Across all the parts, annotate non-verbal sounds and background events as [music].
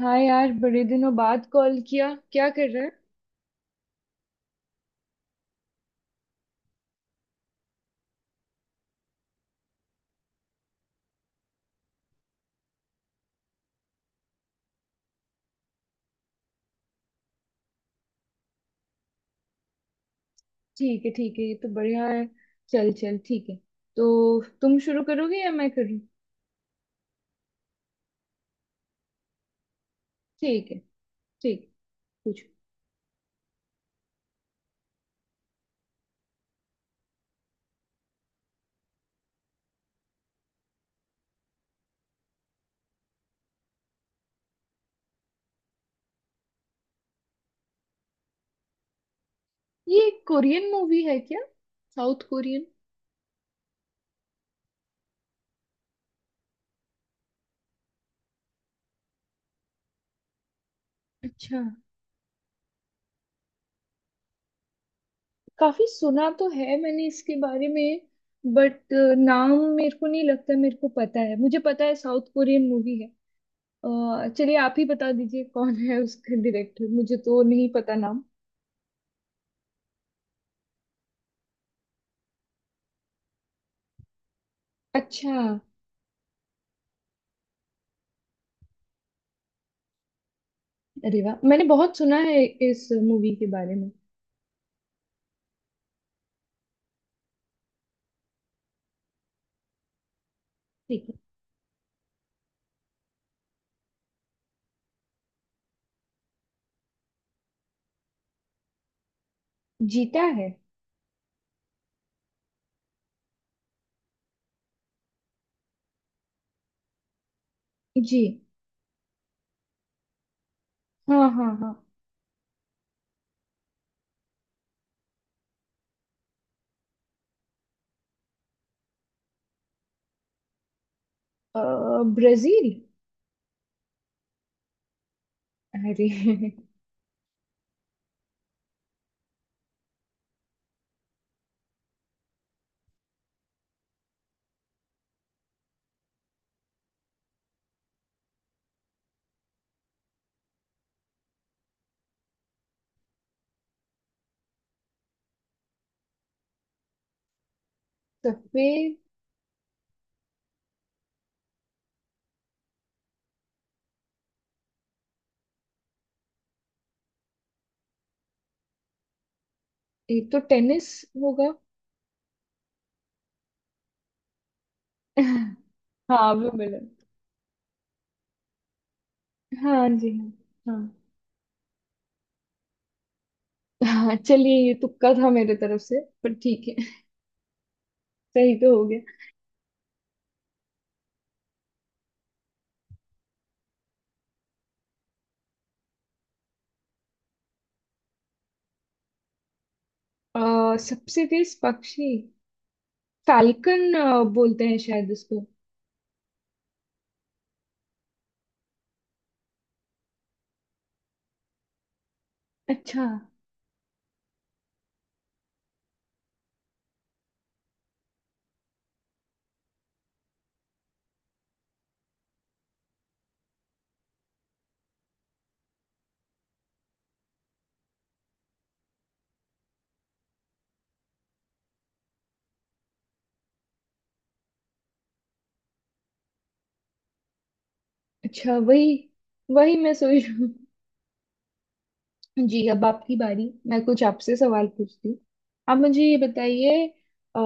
हाँ यार, बड़े दिनों बाद कॉल किया। क्या कर रहा है। ठीक है। ठीक है। ये तो बढ़िया है। चल चल, ठीक है। तो तुम शुरू करोगे या मैं करूँ। ठीक है। ठीक है। पूछो। ये कोरियन मूवी है क्या? South Korean? अच्छा। काफी सुना तो है मैंने इसके बारे में, बट नाम मेरे को नहीं लगता। मेरे को पता है, मुझे पता है साउथ कोरियन मूवी है। चलिए आप ही बता दीजिए कौन है उसका डायरेक्टर, मुझे तो नहीं पता नाम। अच्छा। अरे वाह, मैंने बहुत सुना है इस मूवी के बारे में। ठीक है। जीता है? जी। हाँ हाँ हाँ। ब्राजील। अरे! [laughs] तो फिर एक तो टेनिस होगा। [laughs] हाँ, विंबलडन। हाँ जी। हाँ हाँ हाँ। चलिए ये तुक्का था मेरे तरफ से, पर ठीक है। सही तो हो गया। सबसे तेज पक्षी, फैल्कन बोलते हैं शायद इसको। अच्छा। अच्छा, वही वही मैं सोच रही हूँ। जी। अब आपकी बारी। मैं कुछ आपसे सवाल पूछती हूँ। आप मुझे ये बताइए, अ,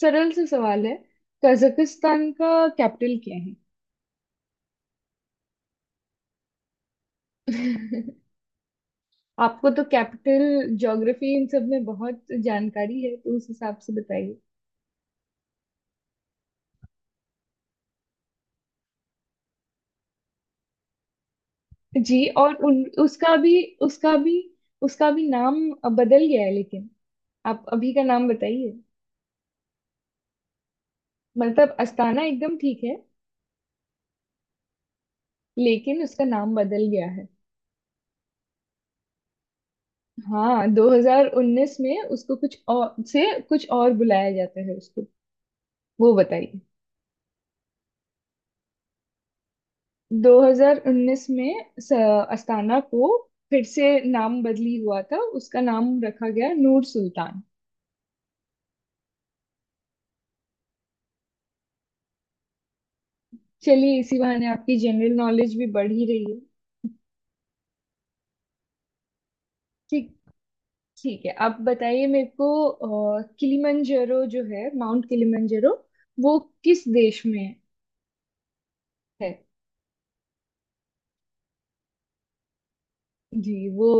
सरल से सवाल है। कजाकिस्तान का कैपिटल क्या है। [laughs] आपको तो कैपिटल, ज्योग्राफी इन सब में बहुत जानकारी है, तो उस हिसाब से बताइए। जी। और उन उसका भी उसका भी उसका भी नाम बदल गया है, लेकिन आप अभी का नाम बताइए। मतलब अस्ताना एकदम ठीक है, लेकिन उसका नाम बदल गया है। हाँ, 2019 में उसको कुछ और से कुछ और बुलाया जाता है उसको। वो बताइए। 2019 में अस्ताना को फिर से नाम बदली हुआ था, उसका नाम रखा गया नूर सुल्तान। चलिए, इसी बहाने आपकी जनरल नॉलेज भी बढ़ ही रही है। ठीक। ठीक है। आप बताइए मेरे को, किलिमंजारो जो है, माउंट किलिमंजारो, वो किस देश में है। जी, वो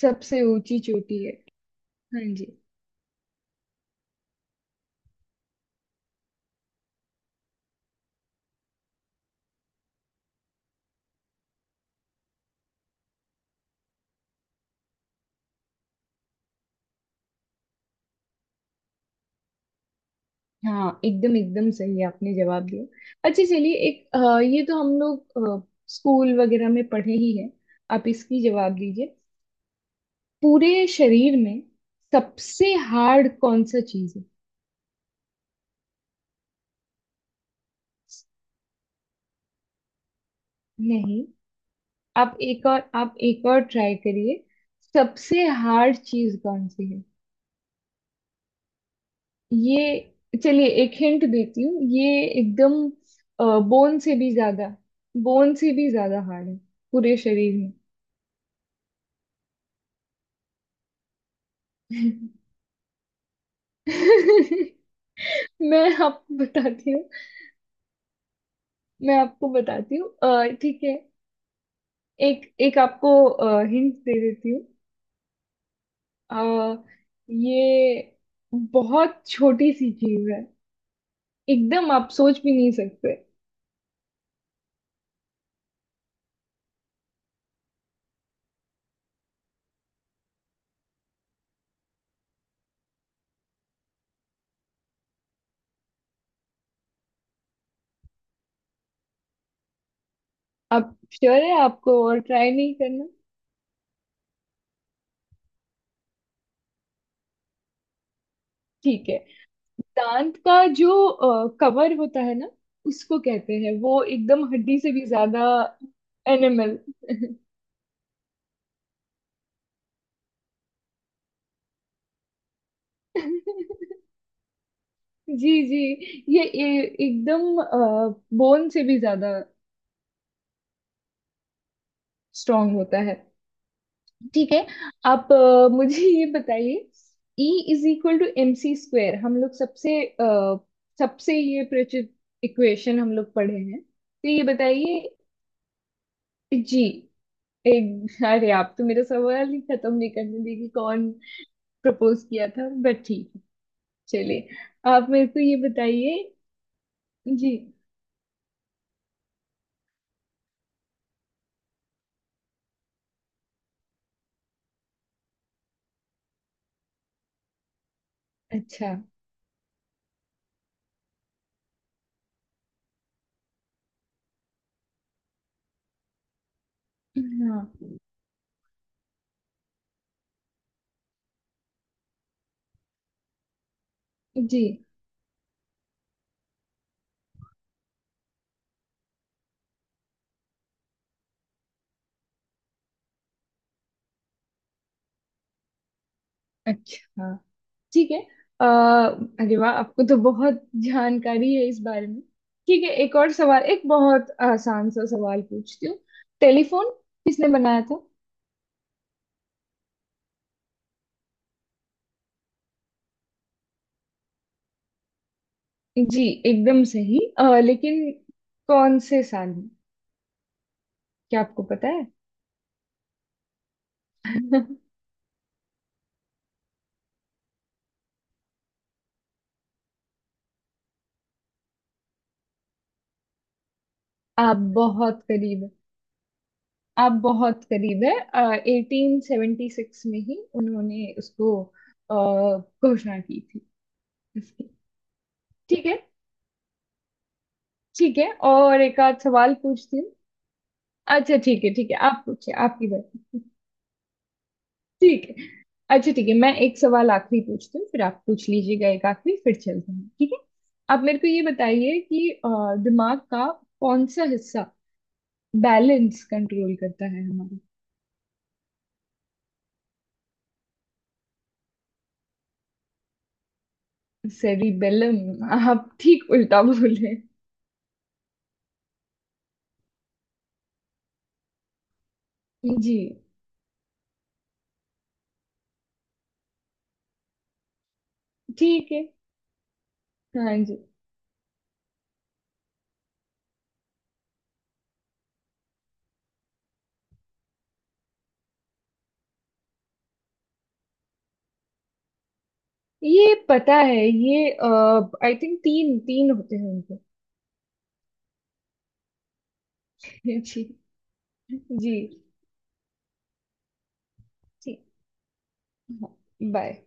सबसे ऊंची चोटी है। हाँ जी। हाँ, एकदम एकदम सही आपने जवाब दिया। अच्छा चलिए। ये तो हम लोग स्कूल वगैरह में पढ़े ही हैं। आप इसकी जवाब दीजिए। पूरे शरीर में सबसे हार्ड कौन सा चीज है। नहीं, आप एक और ट्राई करिए। सबसे हार्ड चीज कौन सी है। ये, चलिए एक हिंट देती हूँ। ये एकदम बोन से भी ज्यादा बोन से भी ज्यादा हार्ड है, पूरे शरीर में। [laughs] मैं आपको बताती हूँ मैं आपको बताती हूँ। ठीक है, एक एक आपको हिंट दे देती हूँ। अ, ये बहुत छोटी सी चीज है, एकदम आप सोच भी नहीं सकते। आप श्योर है? आपको और ट्राई नहीं करना? ठीक है। दांत का जो कवर होता है ना, उसको कहते हैं वो एकदम हड्डी से भी ज्यादा। एनिमल। [laughs] जी जी, ये एकदम बोन से भी ज्यादा स्ट्रांग होता है। ठीक है। आप मुझे ये बताइए, E is equal to M C square, हम लोग सबसे ये परिचित इक्वेशन हम लोग पढ़े हैं, तो ये बताइए। जी। एक अरे, आप तो मेरा सवाल ही खत्म नहीं करने देगी। कौन प्रपोज किया था? बट ठीक है, चलिए। आप मेरे को ये बताइए। जी। अच्छा। हाँ जी। अच्छा, ठीक है। आ, अरे वाह, आपको तो बहुत जानकारी है इस बारे में। ठीक है, एक और सवाल। एक बहुत आसान सा सवाल पूछती हूँ। टेलीफोन किसने बनाया था? जी, एकदम सही। लेकिन कौन से साल में, क्या आपको पता है? [laughs] आप बहुत करीब है। आप बहुत करीब है। 1876 में ही उन्होंने उसको घोषणा की थी इसकी। ठीक है। ठीक है, और एक आध सवाल पूछती हूँ। अच्छा ठीक है, ठीक है, आप पूछिए? आपकी बारी? ठीक है। अच्छा ठीक है, मैं एक सवाल आखिरी पूछती हूँ, फिर आप पूछ लीजिएगा। एक आखिरी, फिर चलते हैं, ठीक है। आप मेरे को ये बताइए कि दिमाग का कौन सा हिस्सा बैलेंस कंट्रोल करता है हमारा। सेरिबेलम। आप ठीक उल्टा बोले। जी। ठीक है। हाँ जी। ये पता है ये। आई थिंक तीन तीन होते हैं उनके। [laughs] जी जी। ठीक। बाय।